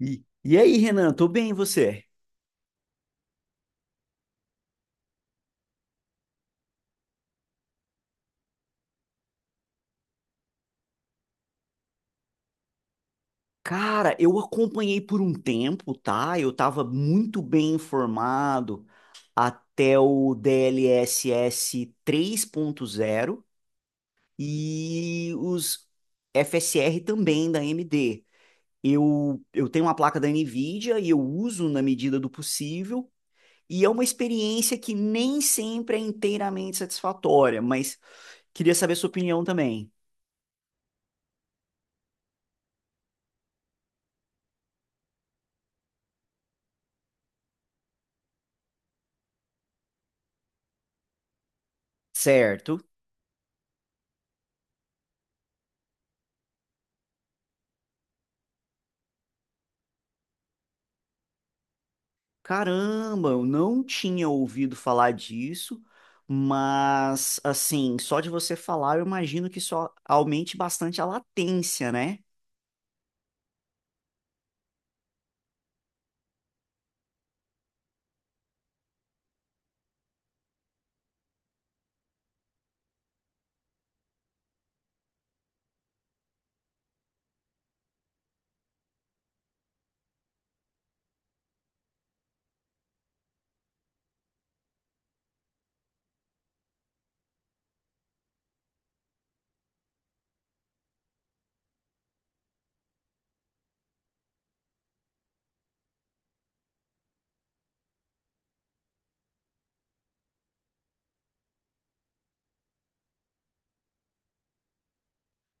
E aí, Renan, tô bem, e você? Cara, eu acompanhei por um tempo, tá? Eu tava muito bem informado até o DLSS zero e os FSR também da AMD. Eu tenho uma placa da NVIDIA e eu uso na medida do possível, e é uma experiência que nem sempre é inteiramente satisfatória, mas queria saber sua opinião também. Certo. Caramba, eu não tinha ouvido falar disso, mas assim, só de você falar, eu imagino que só aumente bastante a latência, né?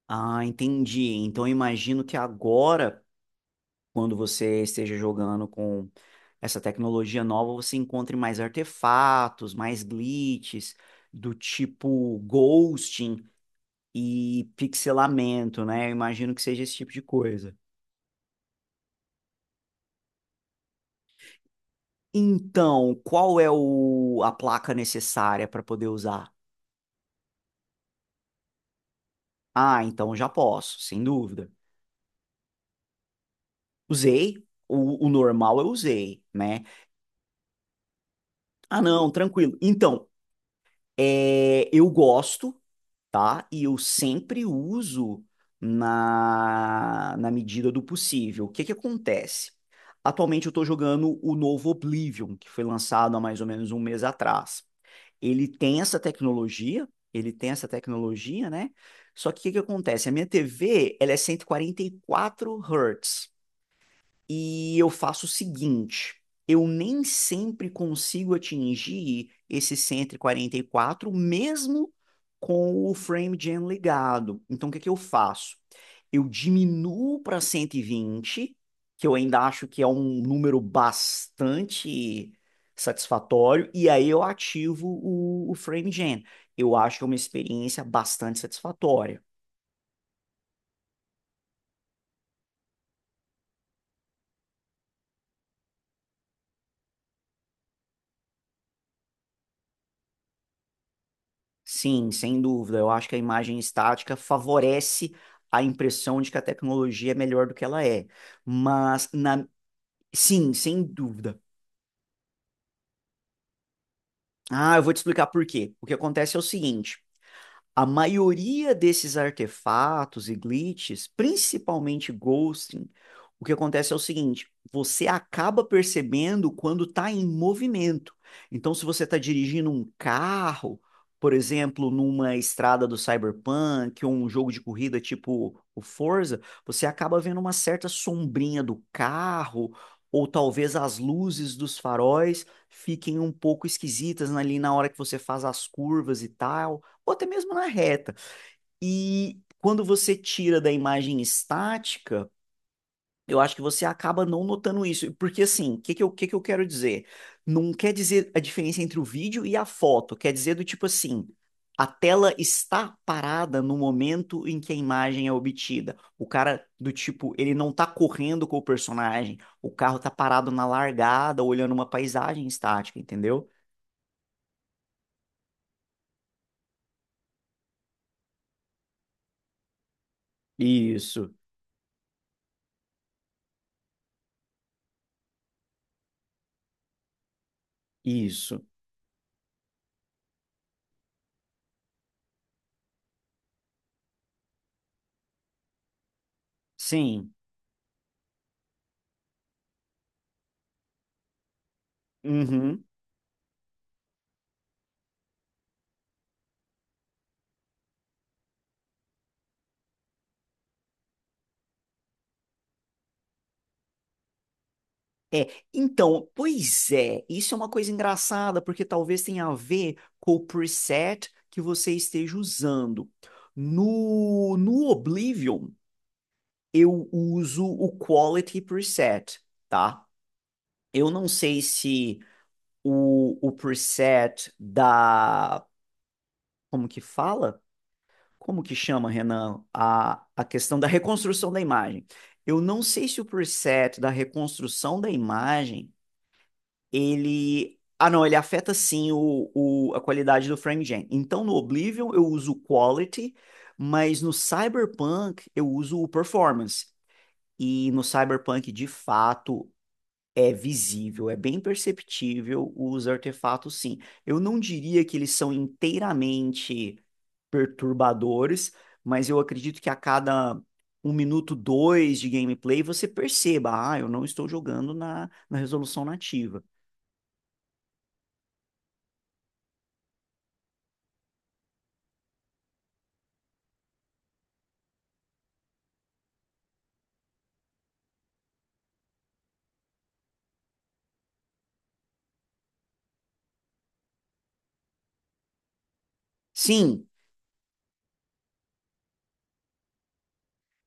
Ah, entendi. Então, eu imagino que agora, quando você esteja jogando com essa tecnologia nova, você encontre mais artefatos, mais glitches, do tipo ghosting e pixelamento, né? Eu imagino que seja esse tipo de coisa. Então, qual é a placa necessária para poder usar? Ah, então já posso, sem dúvida. Usei, o normal eu usei, né? Ah, não, tranquilo. Então, é, eu gosto, tá? E eu sempre uso na medida do possível. O que que acontece? Atualmente eu tô jogando o novo Oblivion, que foi lançado há mais ou menos um mês atrás. Ele tem essa tecnologia, ele tem essa tecnologia, né? Só que o que, que acontece? A minha TV, ela é cento e quarenta e quatro hertz. E eu faço o seguinte, eu nem sempre consigo atingir esse cento e quarenta e quatro, mesmo com o frame gen ligado. Então, o que que eu faço? Eu diminuo para 120, que eu ainda acho que é um número bastante satisfatório, e aí eu ativo o frame gen. Eu acho que é uma experiência bastante satisfatória. Sim, sem dúvida. Eu acho que a imagem estática favorece a impressão de que a tecnologia é melhor do que ela é. Mas, na... sim, sem dúvida. Ah, eu vou te explicar por quê. O que acontece é o seguinte. A maioria desses artefatos e glitches, principalmente ghosting, o que acontece é o seguinte: você acaba percebendo quando está em movimento. Então, se você está dirigindo um carro, por exemplo, numa estrada do Cyberpunk ou um jogo de corrida tipo o Forza, você acaba vendo uma certa sombrinha do carro, ou talvez as luzes dos faróis fiquem um pouco esquisitas ali na hora que você faz as curvas e tal ou até mesmo na reta. E quando você tira da imagem estática, eu acho que você acaba não notando isso. Porque, assim, o que que eu quero dizer? Não quer dizer a diferença entre o vídeo e a foto. Quer dizer do tipo assim, a tela está parada no momento em que a imagem é obtida. O cara, do tipo, ele não tá correndo com o personagem. O carro tá parado na largada, olhando uma paisagem estática, entendeu? Isso, isso. Sim. Uhum. É, então, pois é, isso é uma coisa engraçada, porque talvez tenha a ver com o preset que você esteja usando. No Oblivion, eu uso o Quality Preset, tá? Eu não sei se o preset da. Como que fala? Como que chama, Renan? A questão da reconstrução da imagem. Eu não sei se o preset da reconstrução da imagem ele. Ah, não, ele afeta sim a qualidade do FrameGen. Então, no Oblivion eu uso o Quality, mas no Cyberpunk eu uso o Performance. E no Cyberpunk, de fato, é visível, é bem perceptível os artefatos, sim. Eu não diria que eles são inteiramente perturbadores, mas eu acredito que a cada um minuto, dois de gameplay, você perceba, ah, eu não estou jogando na resolução nativa. Sim,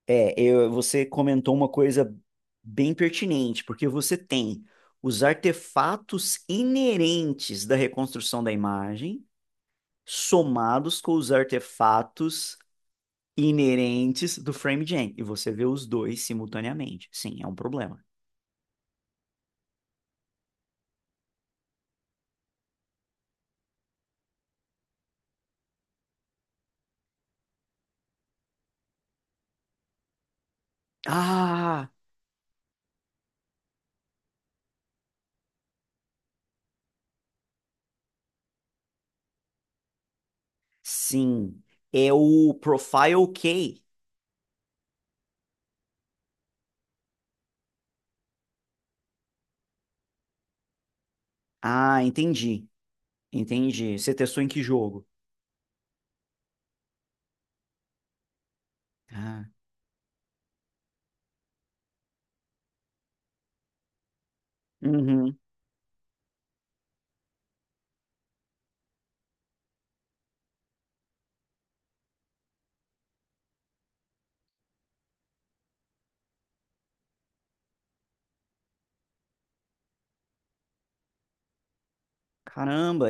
é, você comentou uma coisa bem pertinente, porque você tem os artefatos inerentes da reconstrução da imagem somados com os artefatos inerentes do FrameGen, e você vê os dois simultaneamente. Sim, é um problema. Ah, sim, é o Profile Key. Ah, entendi, entendi. Você testou em que jogo? Ah, uhum. Caramba,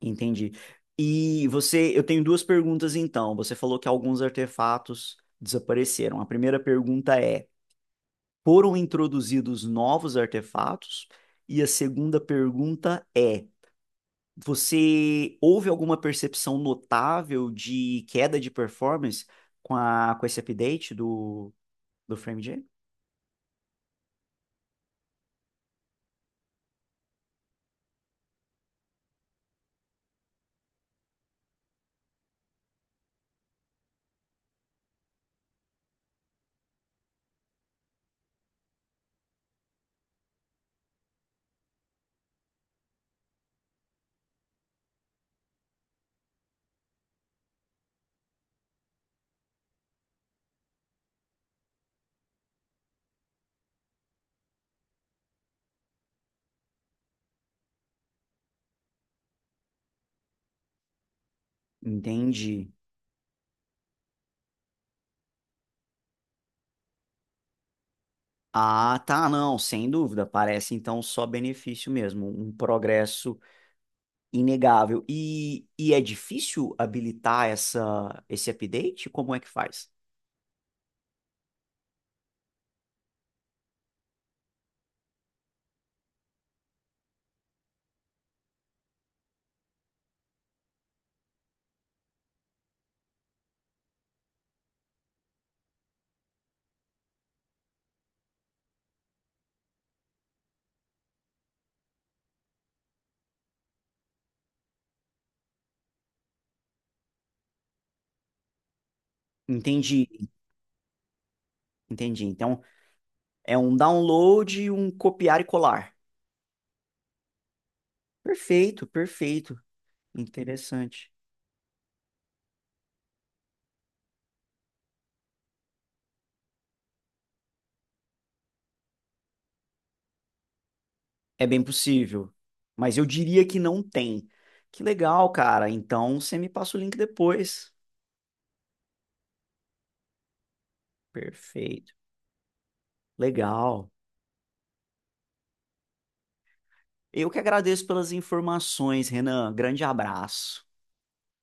entendi. E você, eu tenho duas perguntas então. Você falou que alguns artefatos desapareceram. A primeira pergunta é: foram introduzidos novos artefatos? E a segunda pergunta é: você houve alguma percepção notável de queda de performance com esse update do, FrameJ? Entendi. Ah, tá, não, sem dúvida. Parece então só benefício mesmo, um progresso inegável. E é difícil habilitar esse update? Como é que faz? Entendi, entendi. Então, é um download e um copiar e colar. Perfeito, perfeito. Interessante. É bem possível. Mas eu diria que não tem. Que legal, cara. Então, você me passa o link depois. Perfeito. Legal. Eu que agradeço pelas informações, Renan. Grande abraço.